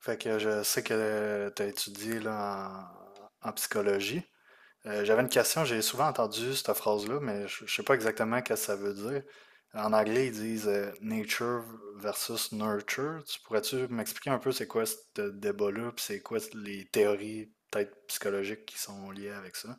Fait que je sais que tu as étudié là, en psychologie. J'avais une question, j'ai souvent entendu cette phrase-là, mais je sais pas exactement ce que ça veut dire. En anglais, ils disent nature versus nurture. Tu pourrais-tu m'expliquer un peu c'est quoi ce débat-là, puis c'est quoi les théories peut-être psychologiques qui sont liées avec ça?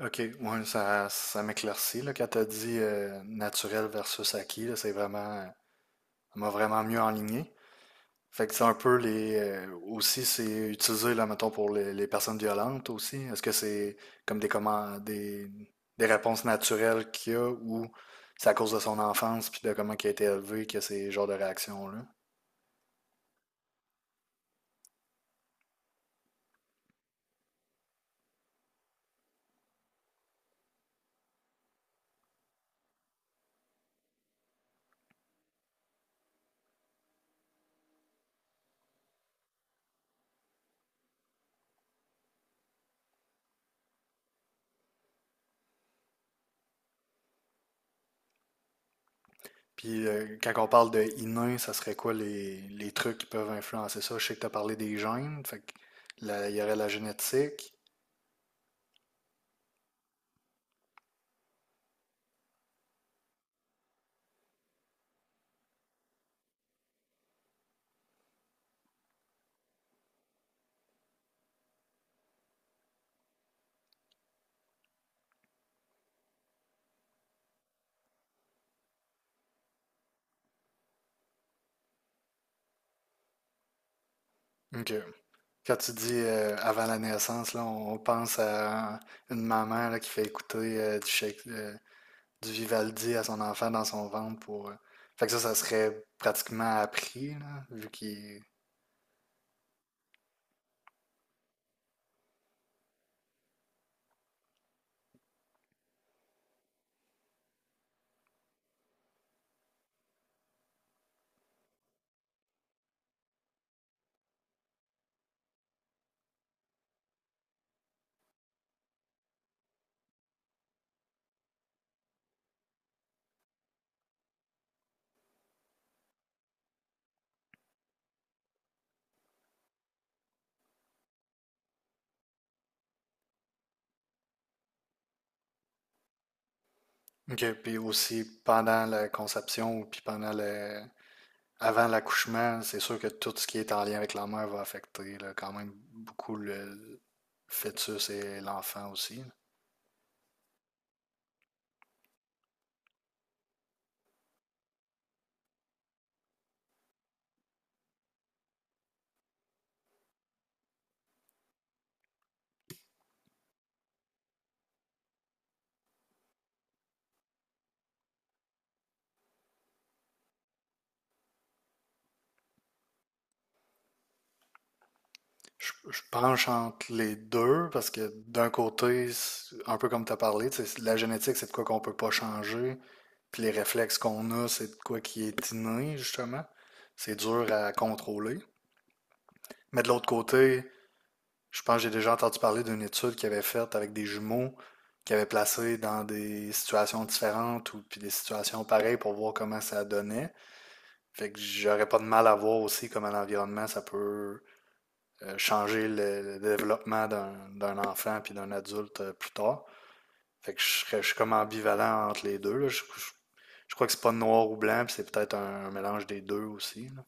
Ok, ouais, ça m'éclaircit là, quand t'as dit naturel versus acquis, là, c'est vraiment, ça m'a vraiment mieux enligné. Fait que c'est un peu les. Aussi, c'est utilisé, là, mettons, pour les personnes violentes aussi. Est-ce que c'est comme des, comment, des réponses naturelles qu'il y a ou c'est à cause de son enfance puis de comment il a été élevé que ces genres de réactions-là? Puis quand on parle de inné, ça serait quoi les trucs qui peuvent influencer ça? Je sais que tu as parlé des gènes, fait que il y aurait la génétique. Ok. Quand tu dis avant la naissance, là, on pense à une maman là, qui fait écouter du Vivaldi à son enfant dans son ventre pour. Fait que ça serait pratiquement appris, là, vu qu'il. Ok, puis aussi pendant la conception ou puis pendant le. Avant l'accouchement, c'est sûr que tout ce qui est en lien avec la mère va affecter là, quand même beaucoup le fœtus et l'enfant aussi. Je penche entre les deux parce que d'un côté, c'est un peu comme tu as parlé, tu sais, la génétique, c'est de quoi qu'on peut pas changer, puis les réflexes qu'on a, c'est de quoi qui est inné, justement. C'est dur à contrôler. Mais de l'autre côté, je pense que j'ai déjà entendu parler d'une étude qu'ils avaient faite avec des jumeaux qu'ils avaient placés dans des situations différentes ou puis des situations pareilles pour voir comment ça donnait. Fait que j'aurais pas de mal à voir aussi comment l'environnement ça peut changer le développement d'un enfant puis d'un adulte plus tard. Fait que je suis comme ambivalent entre les deux, là. Je crois que c'est pas noir ou blanc, puis c'est peut-être un mélange des deux aussi, là.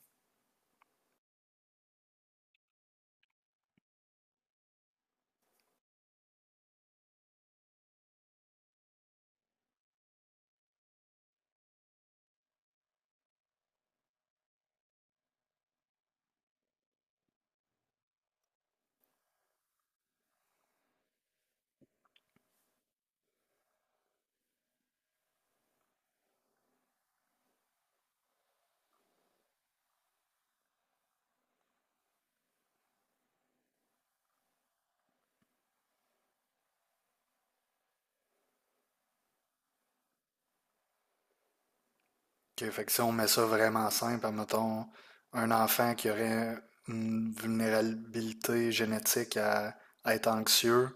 Ok, fait que si on met ça vraiment simple, mettons un enfant qui aurait une vulnérabilité génétique à être anxieux,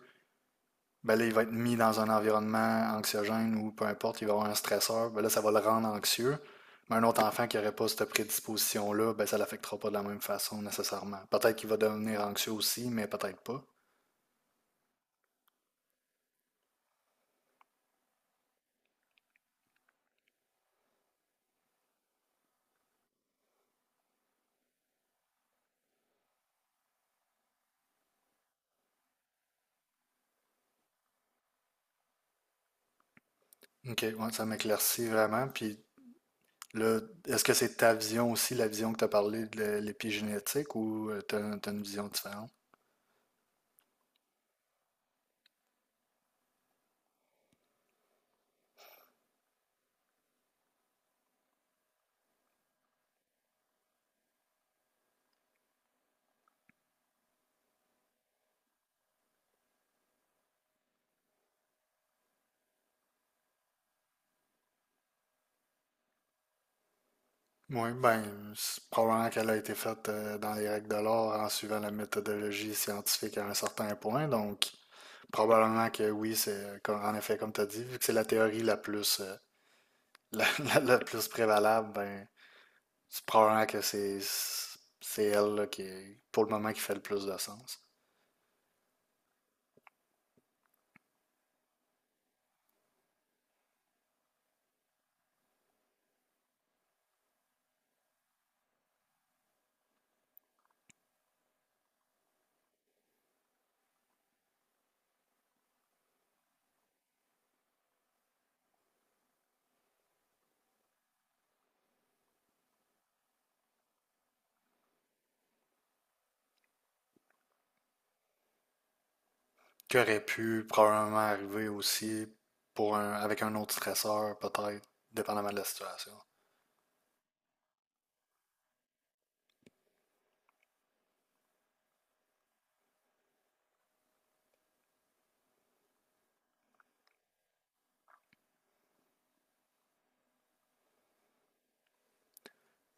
ben là, il va être mis dans un environnement anxiogène ou peu importe, il va avoir un stresseur, ben là, ça va le rendre anxieux. Mais un autre enfant qui n'aurait pas cette prédisposition-là, ben ça ne l'affectera pas de la même façon nécessairement. Peut-être qu'il va devenir anxieux aussi, mais peut-être pas. Ok, ouais, ça m'éclaircit vraiment. Puis là, est-ce que c'est ta vision aussi, la vision que tu as parlé de l'épigénétique, ou tu as, une vision différente? Oui, ben, c'est probablement qu'elle a été faite dans les règles de l'art en suivant la méthodologie scientifique à un certain point. Donc, probablement que oui, c'est comme- en effet, comme tu as dit, vu que c'est la théorie la plus, la plus prévalable, ben, c'est probablement que c'est elle là, qui, est- pour le moment, qui fait le plus de sens. Qui aurait pu probablement arriver aussi pour un, avec un autre stresseur, peut-être, dépendamment de la situation.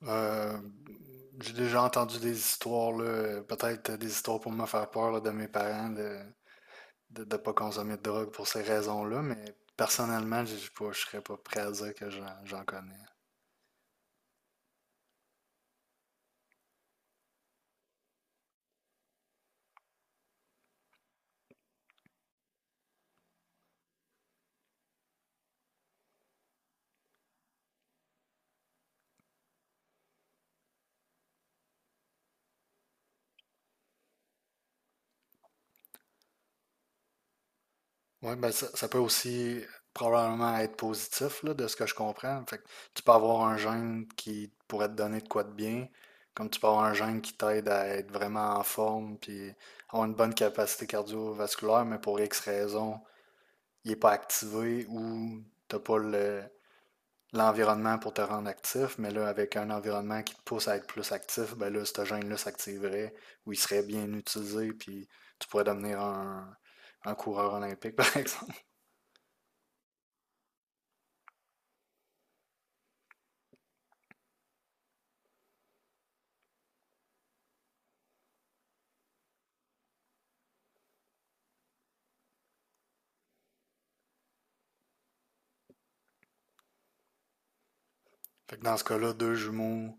Euh, j'ai déjà entendu des histoires, là, peut-être des histoires pour me faire peur là, de mes parents de ne pas consommer de drogue pour ces raisons-là, mais personnellement, je ne serais pas prêt à dire que j'en connais. Oui, ben ça peut aussi probablement être positif là, de ce que je comprends. Fait que tu peux avoir un gène qui pourrait te donner de quoi de bien, comme tu peux avoir un gène qui t'aide à être vraiment en forme, puis avoir une bonne capacité cardiovasculaire, mais pour X raisons, il n'est pas activé ou tu n'as pas l'environnement pour te rendre actif, mais là, avec un environnement qui te pousse à être plus actif, ben là, ce gène-là s'activerait ou il serait bien utilisé, puis tu pourrais devenir un coureur olympique, par exemple. Fait que dans ce cas-là, deux jumeaux,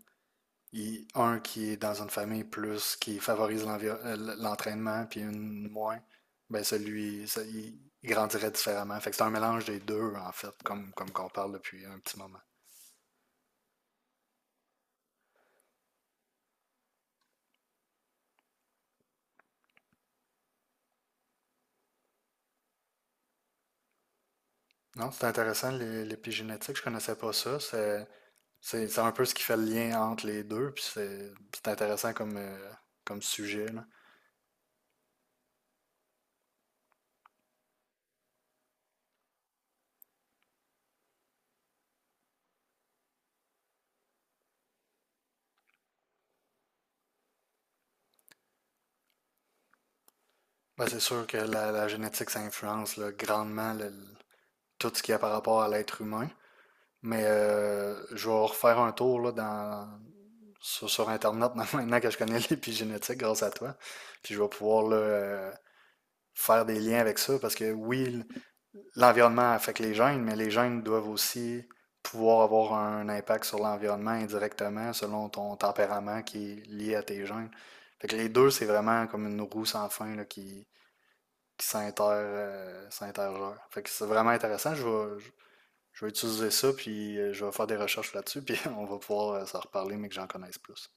un qui est dans une famille plus, qui favorise l'entraînement, puis une moins, ben il grandirait différemment. Fait que c'est un mélange des deux, en fait, comme qu'on parle depuis un petit moment. Non, c'est intéressant, l'épigénétique, je connaissais pas ça. C'est un peu ce qui fait le lien entre les deux, puis c'est intéressant comme, comme sujet, là. Ben, c'est sûr que la génétique, ça influence là, grandement tout ce qu'il y a par rapport à l'être humain. Mais je vais refaire un tour là, sur Internet maintenant que je connais l'épigénétique grâce à toi. Puis je vais pouvoir là, faire des liens avec ça, parce que oui, l'environnement affecte les gènes, mais les gènes doivent aussi pouvoir avoir un impact sur l'environnement indirectement selon ton tempérament qui est lié à tes gènes. Fait que les deux, c'est vraiment comme une roue sans fin là, qui, qui s'intergère. Fait que c'est vraiment intéressant. Je vais utiliser ça, puis je vais faire des recherches là-dessus, puis on va pouvoir s'en reparler, mais que j'en connaisse plus.